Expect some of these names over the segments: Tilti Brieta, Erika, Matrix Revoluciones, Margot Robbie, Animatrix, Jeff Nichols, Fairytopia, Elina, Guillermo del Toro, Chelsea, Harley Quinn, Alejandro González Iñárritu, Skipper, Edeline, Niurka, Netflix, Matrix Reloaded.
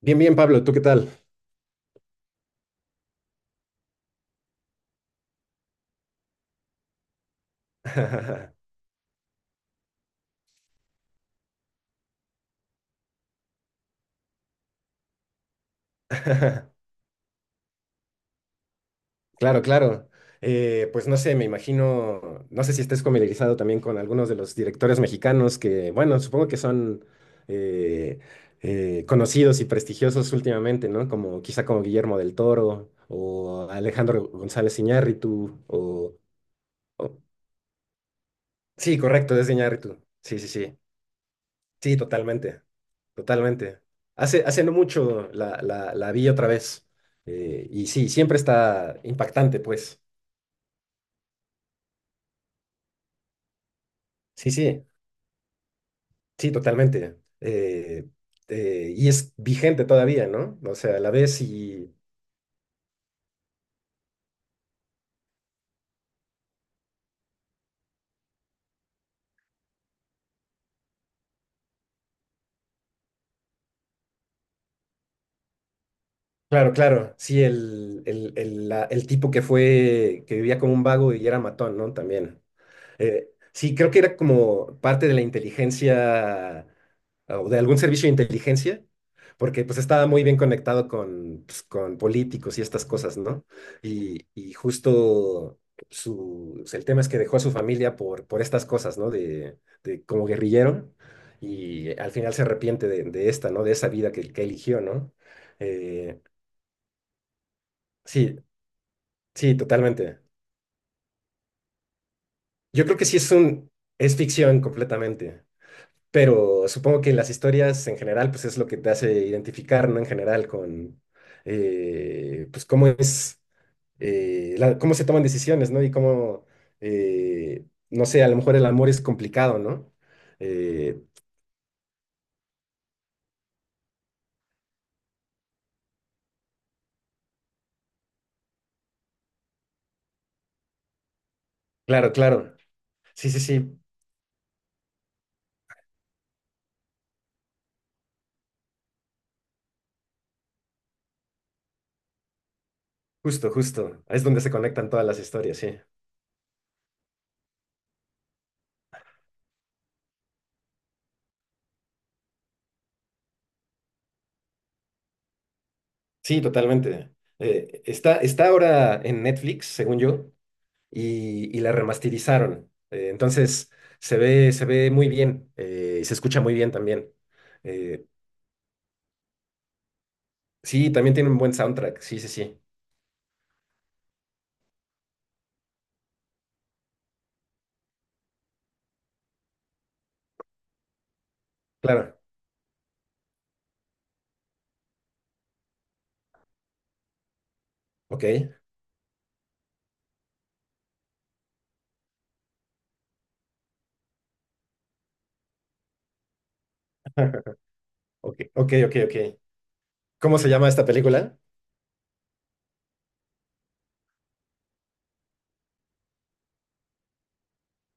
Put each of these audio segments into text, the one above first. Bien, bien, Pablo, ¿tú qué tal? Claro, claro. Pues no sé, me imagino, no sé si estés familiarizado también con algunos de los directores mexicanos que, bueno, supongo que son eh, conocidos y prestigiosos últimamente, ¿no? Como quizá como Guillermo del Toro o Alejandro González Iñárritu o- sí, correcto, es de Iñárritu. Sí, sí, sí. Sí, totalmente, totalmente. Hace no mucho la vi otra vez. Y sí, siempre está impactante, pues. Sí, sí, sí, totalmente. Y es vigente todavía, ¿no? O sea, la ves y. Claro, claro, sí, el tipo que fue, que vivía como un vago y era matón, ¿no? También. Sí, creo que era como parte de la inteligencia o de algún servicio de inteligencia, porque pues estaba muy bien conectado con, pues, con políticos y estas cosas, ¿no? Y justo su, pues, el tema es que dejó a su familia por estas cosas, ¿no? De como guerrillero y al final se arrepiente de esta, ¿no? De esa vida que eligió, ¿no? Eh, sí, sí, totalmente. Yo creo que sí es ficción completamente. Pero supongo que las historias en general, pues es lo que te hace identificar, ¿no? En general con, pues cómo es, cómo se toman decisiones, ¿no? Y cómo, eh, no sé, a lo mejor el amor es complicado, ¿no? Eh, claro, claro. Sí, sí, sí. Justo, justo. Ahí es donde se conectan todas las historias, sí. Sí, totalmente. Está ahora en Netflix, según yo. Y la remasterizaron. Entonces se ve muy bien, y se escucha muy bien también. Eh, sí, también tiene un buen soundtrack, sí, sí, sí, claro, ok. Ok, ok, ok, ok. ¿Cómo se llama esta película?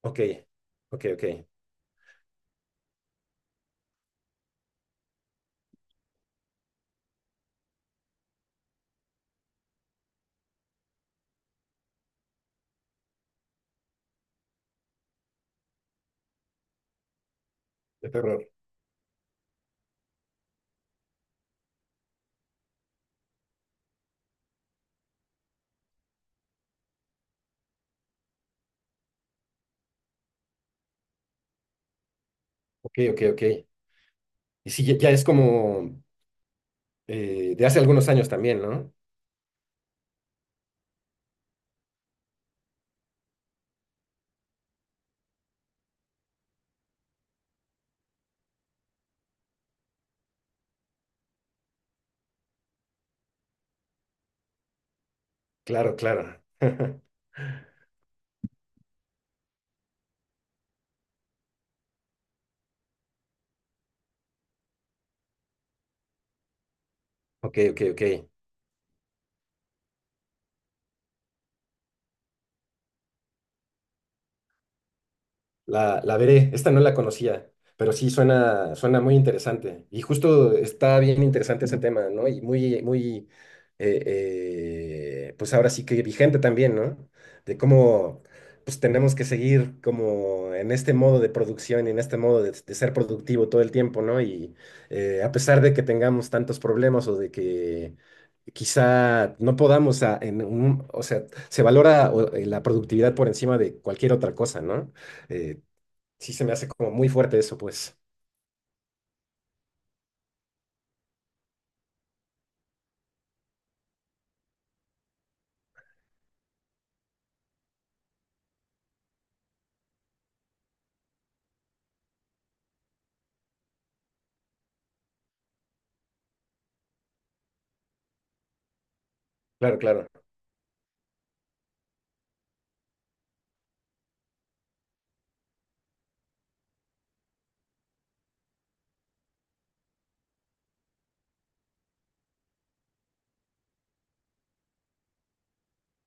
Ok, ok, ok, de terror, ok, ok, ok. Y sí, ya es como de hace algunos años también, ¿no? Claro, claro. Ok, ok, ok. La veré, esta no la conocía, pero sí suena, suena muy interesante. Y justo está bien interesante ese tema, ¿no? Y muy, muy, pues ahora sí que vigente también, ¿no? De cómo, pues tenemos que seguir como en este modo de producción y en este modo de ser productivo todo el tiempo, ¿no? Y a pesar de que tengamos tantos problemas o de que quizá no podamos, o sea, se valora o, la productividad por encima de cualquier otra cosa, ¿no? Eh, Sí, se me hace como muy fuerte eso, pues. Claro, claro.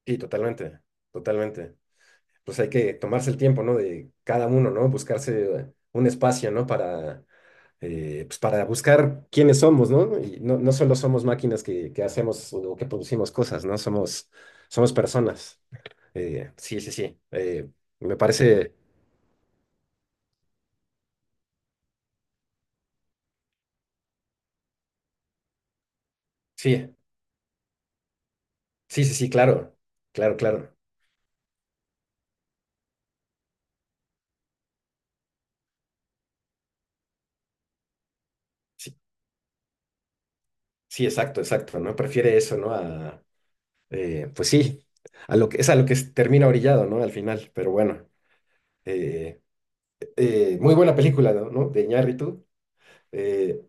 Sí, totalmente, totalmente. Pues hay que tomarse el tiempo, ¿no? De cada uno, ¿no? Buscarse un espacio, ¿no? Para buscar quiénes somos, ¿no? Y no, no solo somos máquinas que hacemos o que producimos cosas, ¿no? Somos personas. Sí, sí, sí. Me parece, sí, sí, sí, sí, claro, claro, claro. Sí, sí, exacto, exacto, ¿no? Prefiere eso, ¿no? A pues sí, a lo que, es a lo que termina orillado, ¿no? Al final, pero bueno. eh, Muy buena película, ¿no? ¿no? De Iñárritu, eh,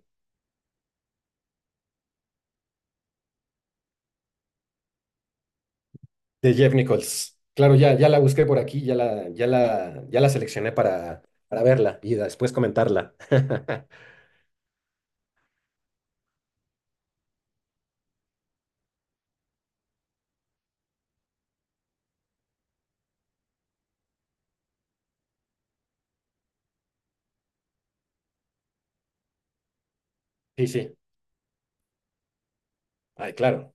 de Jeff Nichols. Claro, ya, ya la busqué por aquí, ya la seleccioné para verla y después comentarla. Sí, sí. Ay, claro.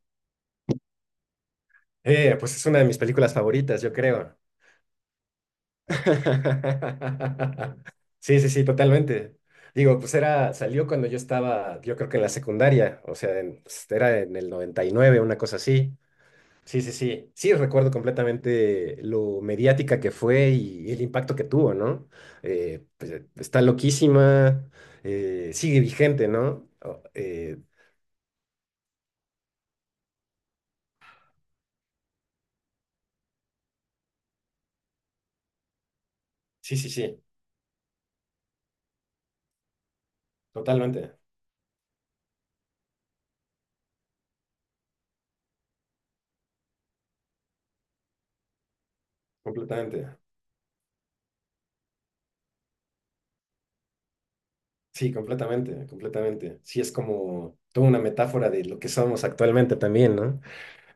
Pues es una de mis películas favoritas, yo creo. Sí, sí, sí, totalmente. Digo, pues era, salió cuando yo estaba, yo creo que en la secundaria, o sea, pues, era en el 99, una cosa así. Sí, sí, sí. Sí, recuerdo completamente lo mediática que fue y, el impacto que tuvo, ¿no? Pues, está loquísima, sigue vigente, ¿no? Sí, sí, sí, totalmente, completamente. Sí, completamente, completamente. Sí, es como toda una metáfora de lo que somos actualmente también, ¿no?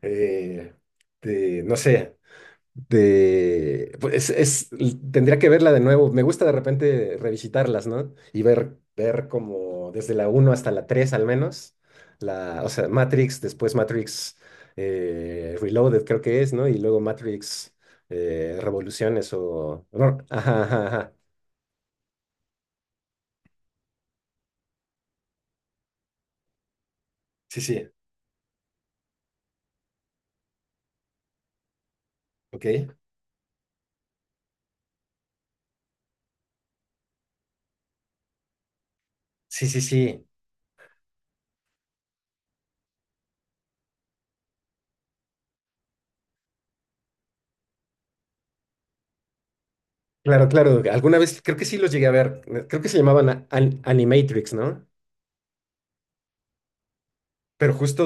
eh, no sé, de, pues es, tendría que verla de nuevo. Me gusta de repente revisitarlas, ¿no? Y ver como desde la uno hasta la 3 al menos, la, o sea, Matrix, después Matrix Reloaded creo que es, ¿no? Y luego Matrix Revoluciones o, no, ajá, ajá, ajá. Sí, sí, ok. Sí, sí, sí. Claro, claro. Alguna vez creo que sí los llegué a ver. Creo que se llamaban Animatrix, ¿no? Pero justo.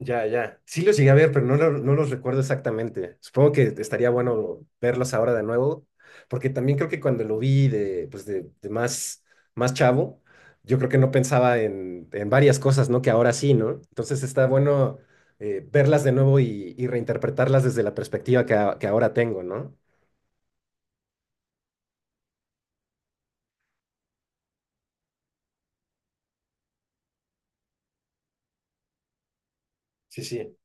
Ya, ya. Sí los llegué a ver, pero no, no los recuerdo exactamente. Supongo que estaría bueno verlos ahora de nuevo, porque también creo que cuando lo vi pues de más chavo, yo creo que no pensaba en varias cosas, ¿no? Que ahora sí, ¿no? Entonces está bueno verlas de nuevo y reinterpretarlas desde la perspectiva que ahora tengo, ¿no? Sí, sí,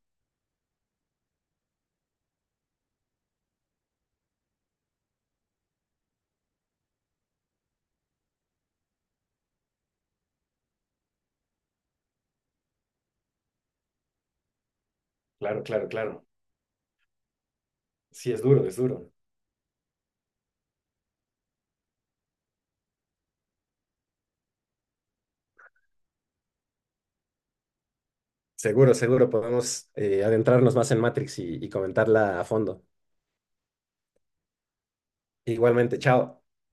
claro, claro, claro. Sí, es duro, es duro. Seguro, seguro, podemos adentrarnos más en Matrix y comentarla a fondo. Igualmente, chao.